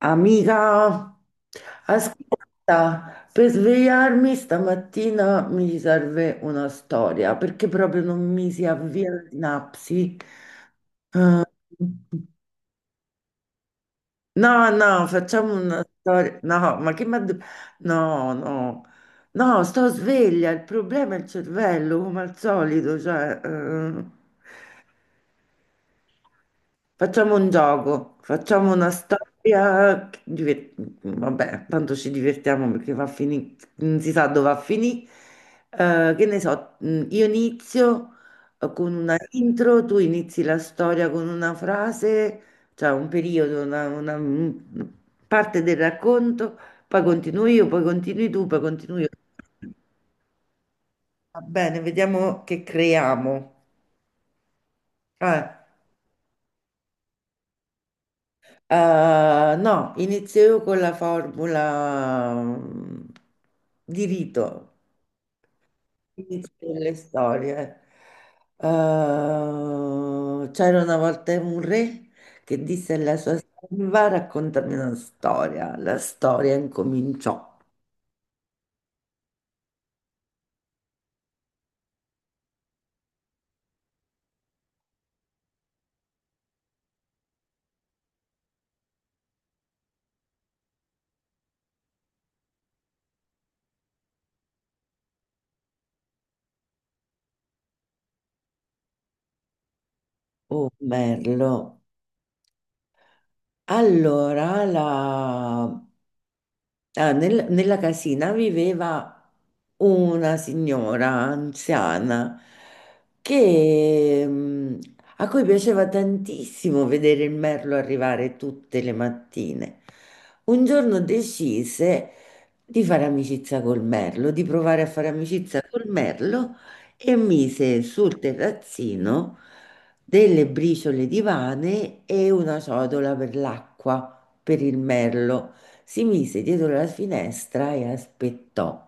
Amica, ascolta, per svegliarmi stamattina mi serve una storia perché proprio non mi si avvia la sinapsi. Eh, no, no, facciamo una storia. No, ma che mi ha de- No, no, no, sto sveglia. Il problema è il cervello, come al solito, cioè. Facciamo un gioco, facciamo una storia, vabbè, tanto ci divertiamo perché non si sa dove va a finire. Che ne so, io inizio con una intro, tu inizi la storia con una frase, cioè un periodo, parte del racconto, poi continuo io, poi continui tu, poi continuo io. Va bene, vediamo che creiamo. Eh. No, inizio con la formula di rito, inizio con le storie. C'era una volta un re che disse alla sua serva, raccontami una storia. La storia incominciò. Oh, merlo. Allora, la- Nella casina viveva una signora anziana che, mm, a cui piaceva tantissimo vedere il merlo arrivare tutte le mattine. Un giorno decise di fare amicizia col merlo, di provare a fare amicizia col merlo e mise sul terrazzino delle briciole di vane e una ciotola per l'acqua per il merlo. Si mise dietro la finestra e aspettò.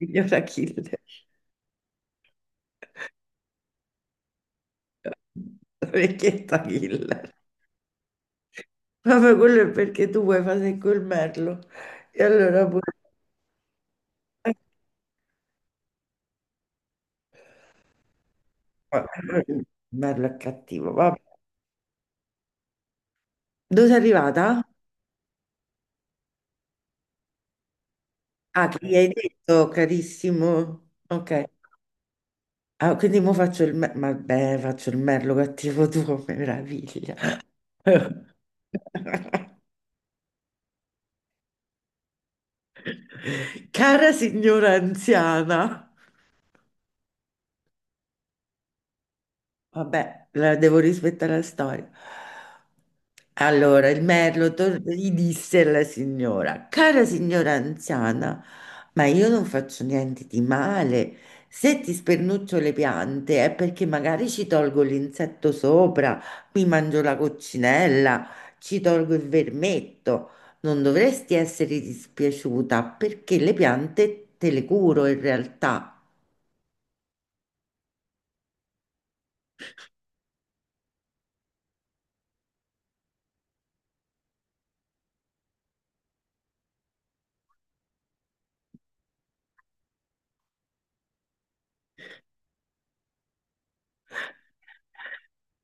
Signor Achille, vecchietta Achille. Vabbè, quello è perché tu vuoi fare col merlo. E allora pure... eh, vabbè, il merlo è cattivo, vabbè. Dove sei arrivata? Ah, che gli hai detto, carissimo. Ok. Ah, quindi mo faccio il merlo, vabbè, faccio il merlo cattivo tuo, meraviglia. Cara signora anziana, vabbè, la devo rispettare la storia. Allora, gli disse alla signora, cara signora anziana, ma io non faccio niente di male. Se ti spernuccio le piante è perché magari ci tolgo l'insetto sopra, mi mangio la coccinella, ci tolgo il vermetto. Non dovresti essere dispiaciuta perché le piante te le curo in realtà.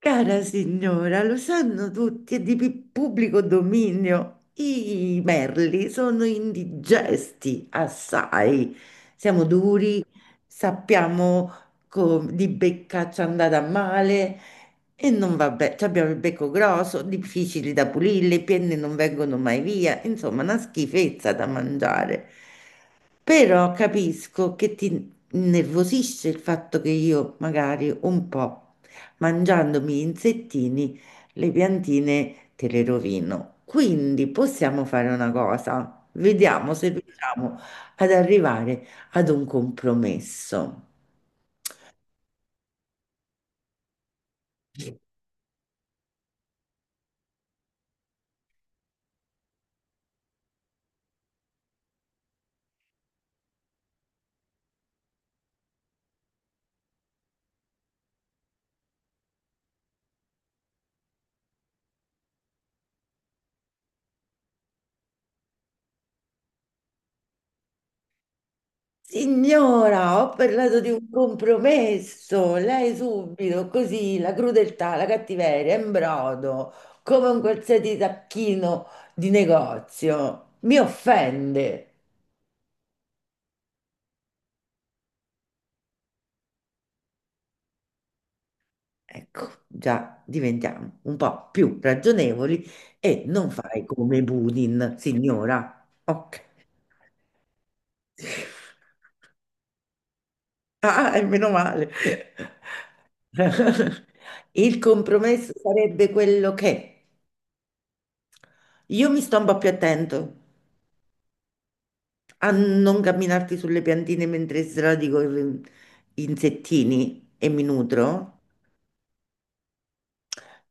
Cara signora, lo sanno tutti, è pubblico dominio. I merli sono indigesti assai. Siamo duri, sappiamo di beccaccia andata a male e non va bene. Abbiamo il becco grosso, difficili da pulire, le penne non vengono mai via. Insomma, una schifezza da mangiare. Però capisco che ti innervosisce il fatto che io magari un po' mangiandomi gli insettini, le piantine te le rovino. Quindi possiamo fare una cosa, vediamo se riusciamo ad arrivare ad un compromesso. Signora, ho parlato di un compromesso. Lei subito, così, la crudeltà, la cattiveria, in brodo, come un qualsiasi tacchino di negozio, mi offende. Ecco, già diventiamo un po' più ragionevoli e non fai come Putin, signora. Ok. Ah, e meno male. Il compromesso sarebbe quello che io mi sto un po' più attento a non camminarti sulle piantine mentre insettini e mi nutro.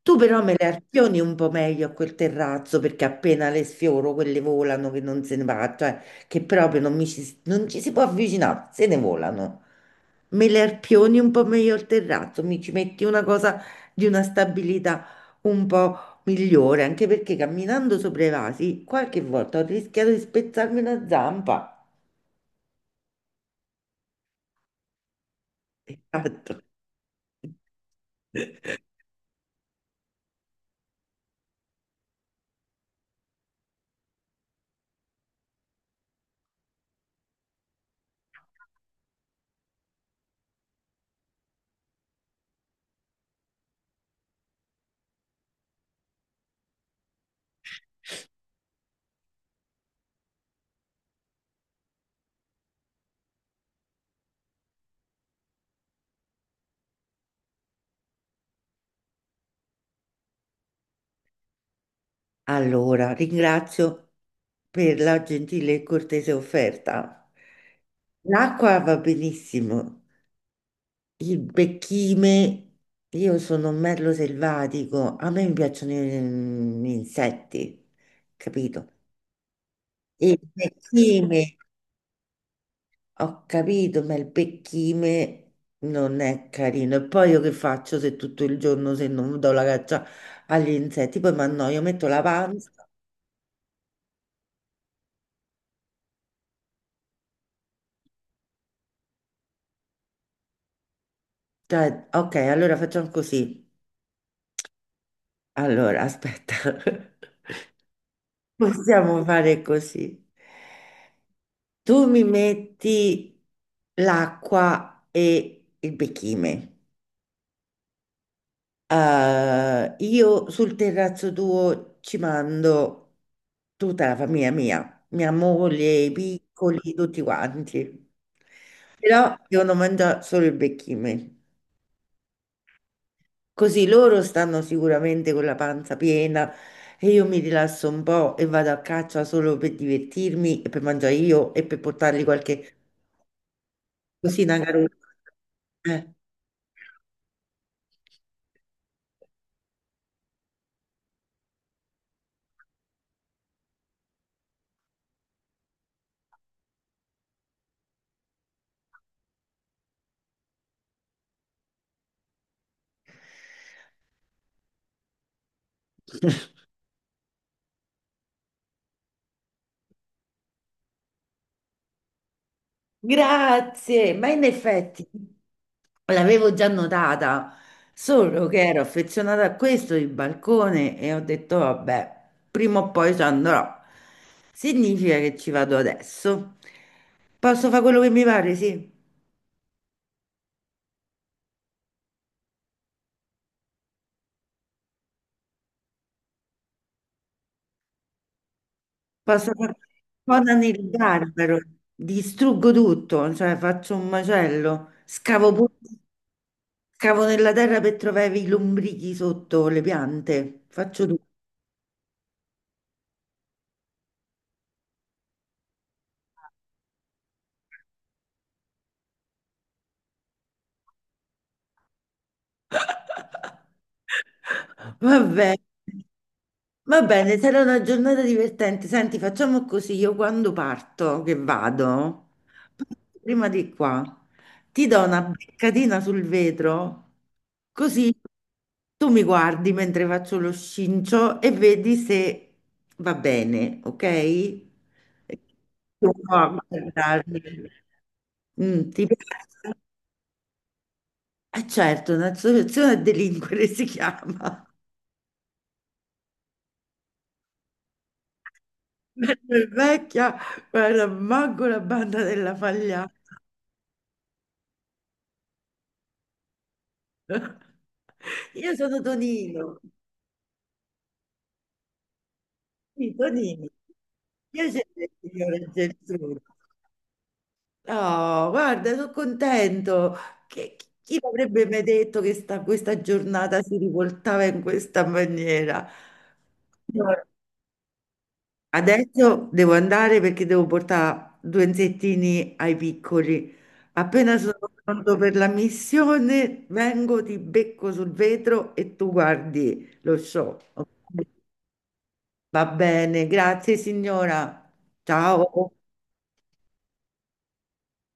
Tu però me le arpioni un po' meglio a quel terrazzo perché appena le sfioro quelle volano che non se ne va, cioè che proprio non, mi ci, non ci si può avvicinare, se ne volano. Me le arpioni un po' meglio al terrazzo, mi ci metti una cosa di una stabilità un po' migliore, anche perché camminando sopra i vasi qualche volta ho rischiato di spezzarmi una zampa. Esatto. Allora, ringrazio per la gentile e cortese offerta. L'acqua va benissimo, il becchime, io sono un merlo selvatico, a me mi piacciono gli insetti, capito? E il becchime, ho capito, ma il becchime non è carino. E poi io che faccio se tutto il giorno se non do la caccia agli insetti? Poi mi annoio, metto la panza. Cioè, ok, allora facciamo così. Allora, aspetta. Possiamo fare così. Tu mi metti l'acqua e il bechime. Io sul terrazzo tuo ci mando tutta la famiglia mia, mia moglie, i piccoli, tutti quanti. Però devono mangiare solo il bechime. Così loro stanno sicuramente con la panza piena e io mi rilasso un po' e vado a caccia solo per divertirmi e per mangiare io e per portargli qualche cosina carota. Eh, Grazie, ma in effetti l'avevo già notata, solo che ero affezionata a questo il balcone e ho detto vabbè, prima o poi ci andrò. Significa che ci vado adesso. Posso fare quello che mi pare, sì. Posso fare cosa nel garbero, distruggo tutto, cioè faccio un macello, scavo nella terra per trovare i lombrichi sotto le piante, faccio tutto. Va bene, va bene, sarà una giornata divertente. Senti, facciamo così, io quando parto, che vado, parto prima di qua, ti do una beccatina sul vetro, così tu mi guardi mentre faccio lo scincio e vedi se va bene, ok? E tu a guardarmi. Mm, ti piace? Eh certo, un'associazione a delinquere si chiama. Nel Vecchia, guarda, manco la banda della Fagliana. Io sono Tonino, sì, Tonino. Piacere, signore Geltrude. Oh, guarda, sono contento. Che, chi l'avrebbe mai detto che sta, questa giornata si rivoltava in questa maniera? Adesso devo andare perché devo portare due insettini ai piccoli. Appena sono pronto per la missione, vengo, ti becco sul vetro e tu guardi lo show. Ok? Va bene, grazie signora. Ciao.